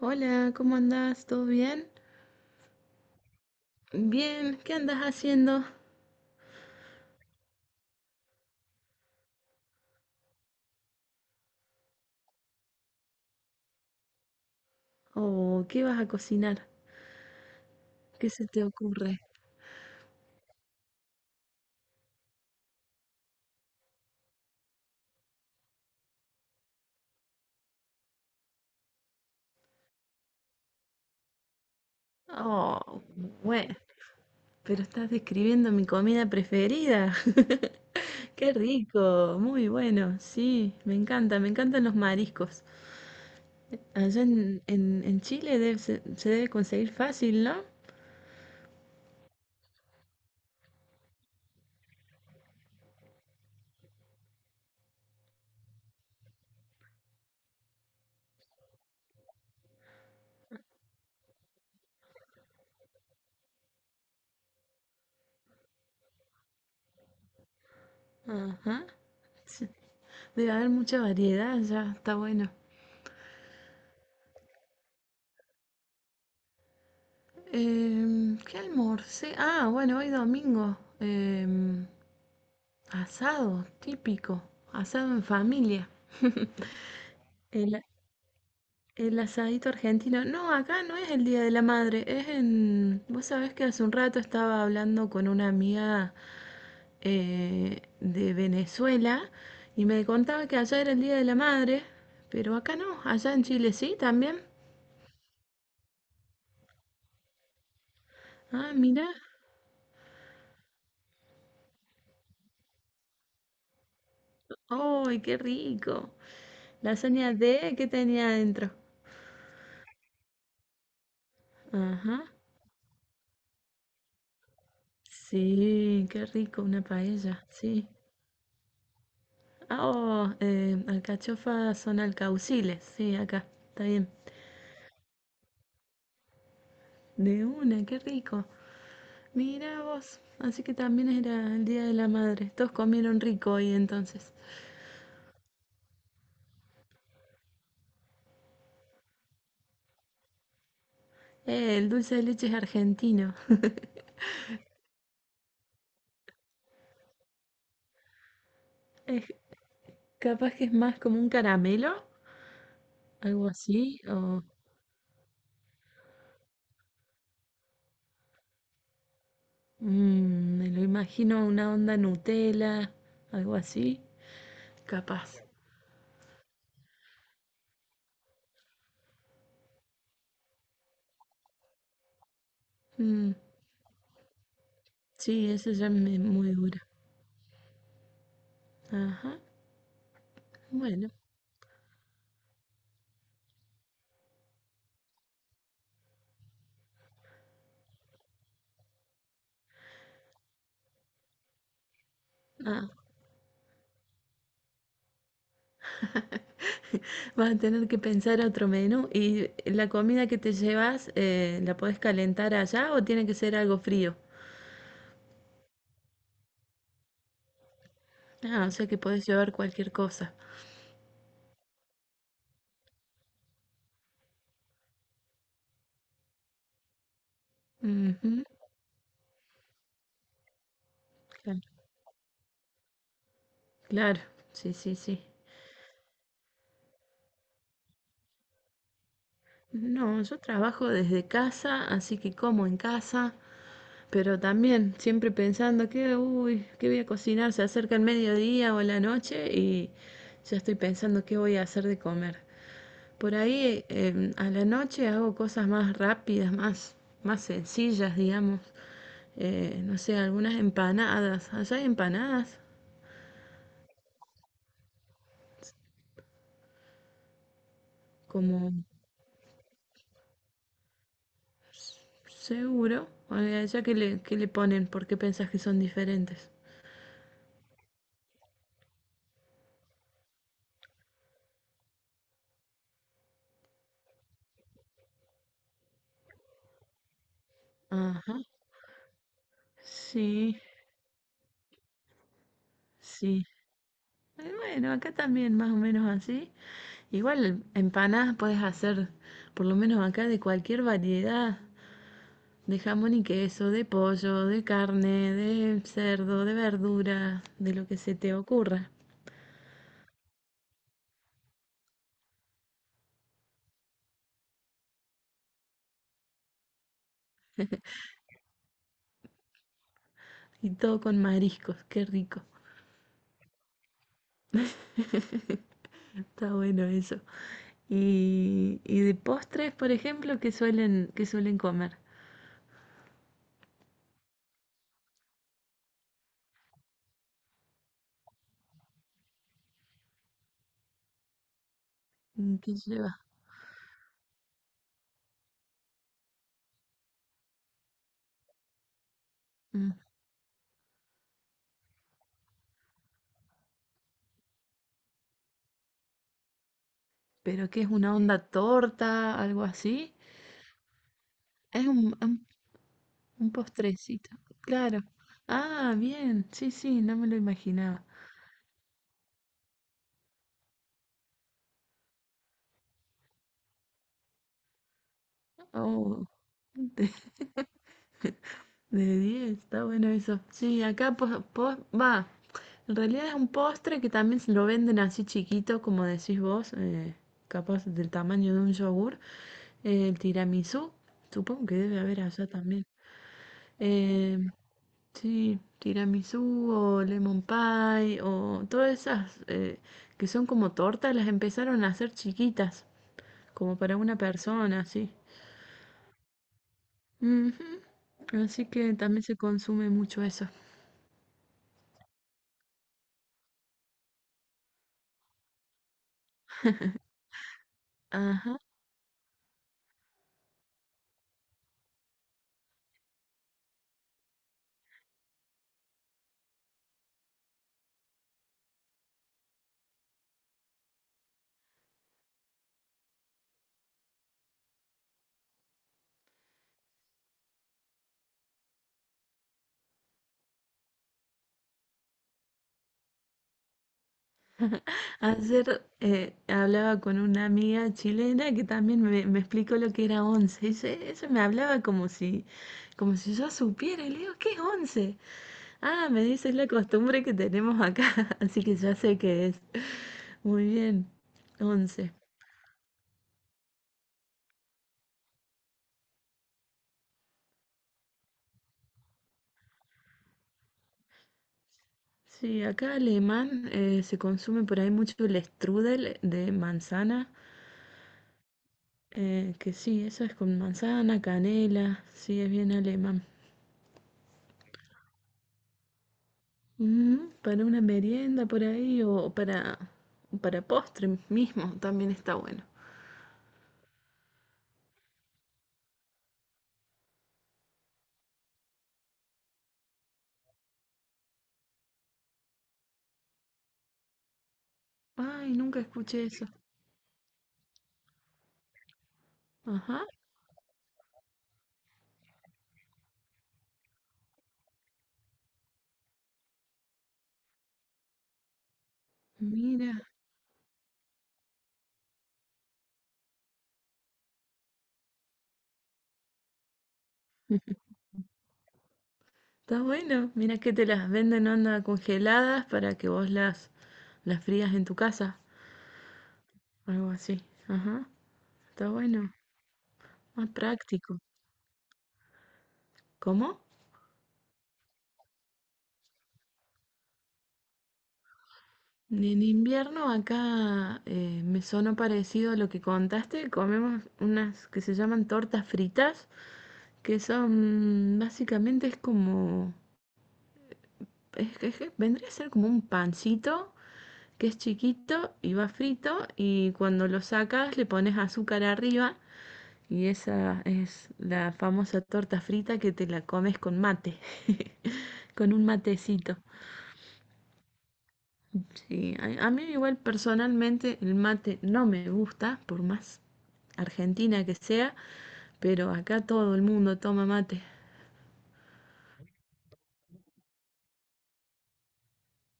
Hola, ¿cómo andás? ¿Todo bien? Bien, ¿qué andas haciendo? Oh, ¿qué vas a cocinar? ¿Qué se te ocurre? Oh, bueno, pero estás describiendo mi comida preferida. Qué rico, muy bueno, sí, me encanta, me encantan los mariscos. Allá en Chile se debe conseguir fácil, ¿no? Ajá, sí. Debe haber mucha variedad, ya, está bueno. ¿Qué almorcé? Ah, bueno, hoy domingo. Asado, típico, asado en familia. El, el asadito argentino. No, acá no es el Día de la Madre, es en... Vos sabés que hace un rato estaba hablando con una amiga de Venezuela y me contaba que allá era el Día de la Madre, pero acá no, allá en Chile sí también. Ah, mira, ¡ay, qué rico! Lasaña de, ¿qué tenía adentro? Ajá. Sí, qué rico, una paella, sí. Ah, oh, alcachofas son alcauciles, sí, acá, está bien. De una, qué rico. Mira vos, así que también era el Día de la Madre. Todos comieron rico hoy entonces. El dulce de leche es argentino. Es, capaz que es más como un caramelo, algo así, o mm, me lo imagino una onda Nutella, algo así, capaz. Mm, sí, eso ya me muy dura. Ajá, bueno, ah, vas a tener que pensar otro menú. ¿Y la comida que te llevas, la podés calentar allá o tiene que ser algo frío? Ah, o sea que podés llevar cualquier cosa. Ujú, claro, claro, sí, sí, sí. No, yo trabajo desde casa, así que como en casa, pero también siempre pensando que, uy, ¿qué voy a cocinar? Se acerca el mediodía o la noche y ya estoy pensando qué voy a hacer de comer. Por ahí a la noche hago cosas más rápidas, más, más sencillas, digamos. No sé, algunas empanadas. Allá hay empanadas, como seguro. Oye, allá que le ponen, ¿por qué pensás que son diferentes? Ajá, sí, sí. Bueno, acá también más o menos así. Igual empanadas puedes hacer, por lo menos acá, de cualquier variedad, de jamón y queso, de pollo, de carne, de cerdo, de verdura, de lo que se te ocurra. Y todo con mariscos, qué rico. Está bueno eso. Y de postres, por ejemplo, que suelen comer? Mm, ¿qué lleva? Mm, ¿pero qué es una onda torta, algo así? Es un, un, un postrecito, claro. Ah, bien, sí, sí, no me lo imaginaba. Oh, de 10 está bueno eso. Sí, acá po po va. En realidad es un postre que también se lo venden así chiquito, como decís vos, capaz del tamaño de un yogur. El tiramisú, supongo que debe haber allá también. Eh, sí, tiramisú o lemon pie o todas esas que son como tortas, las empezaron a hacer chiquitas, como para una persona, así. Ujú. Así que también se consume mucho eso. Ajá. Ayer hablaba con una amiga chilena que también me explicó lo que era once. Y ella me hablaba como si yo supiera. Y le digo, ¿qué es once? Ah, me dice, es la costumbre que tenemos acá. Así que ya sé qué es. Muy bien, once. Sí, acá alemán se consume por ahí mucho el strudel de manzana. Que sí, eso es con manzana, canela. Sí, es bien alemán. Ujú, para una merienda por ahí o para postre mismo también está bueno. Ay, nunca escuché eso. Ajá, mira, está bueno. Mira que te las venden onda congeladas para que vos las frías en tu casa. Algo así. Ajá, está bueno. Más práctico. ¿Cómo? En invierno acá me sonó parecido a lo que contaste. Comemos unas que se llaman tortas fritas, que son básicamente es como es que vendría a ser como un pancito que es chiquito y va frito y cuando lo sacas le pones azúcar arriba y esa es la famosa torta frita que te la comes con mate, con un matecito. Sí, a mí igual personalmente el mate no me gusta, por más argentina que sea, pero acá todo el mundo toma mate.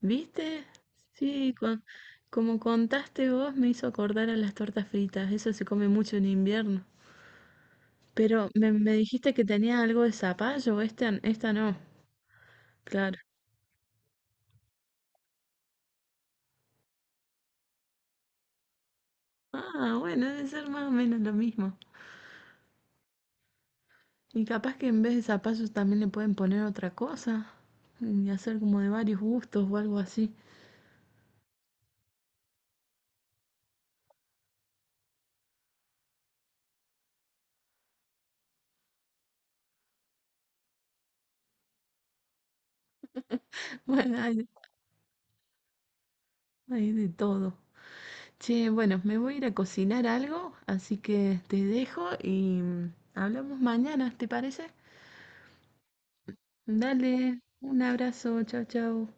¿Viste? Sí, con- como contaste vos, me hizo acordar a las tortas fritas. Eso se come mucho en invierno. Pero me dijiste que tenía algo de zapallo, esta no. Claro. Ah, bueno, debe ser más o menos lo mismo. Y capaz que en vez de zapallos también le pueden poner otra cosa. Y hacer como de varios gustos o algo así. Bueno, hay de todo. Che, bueno, me voy a ir a cocinar algo, así que te dejo y hablamos mañana, ¿te parece? Dale, un abrazo, chao, chao.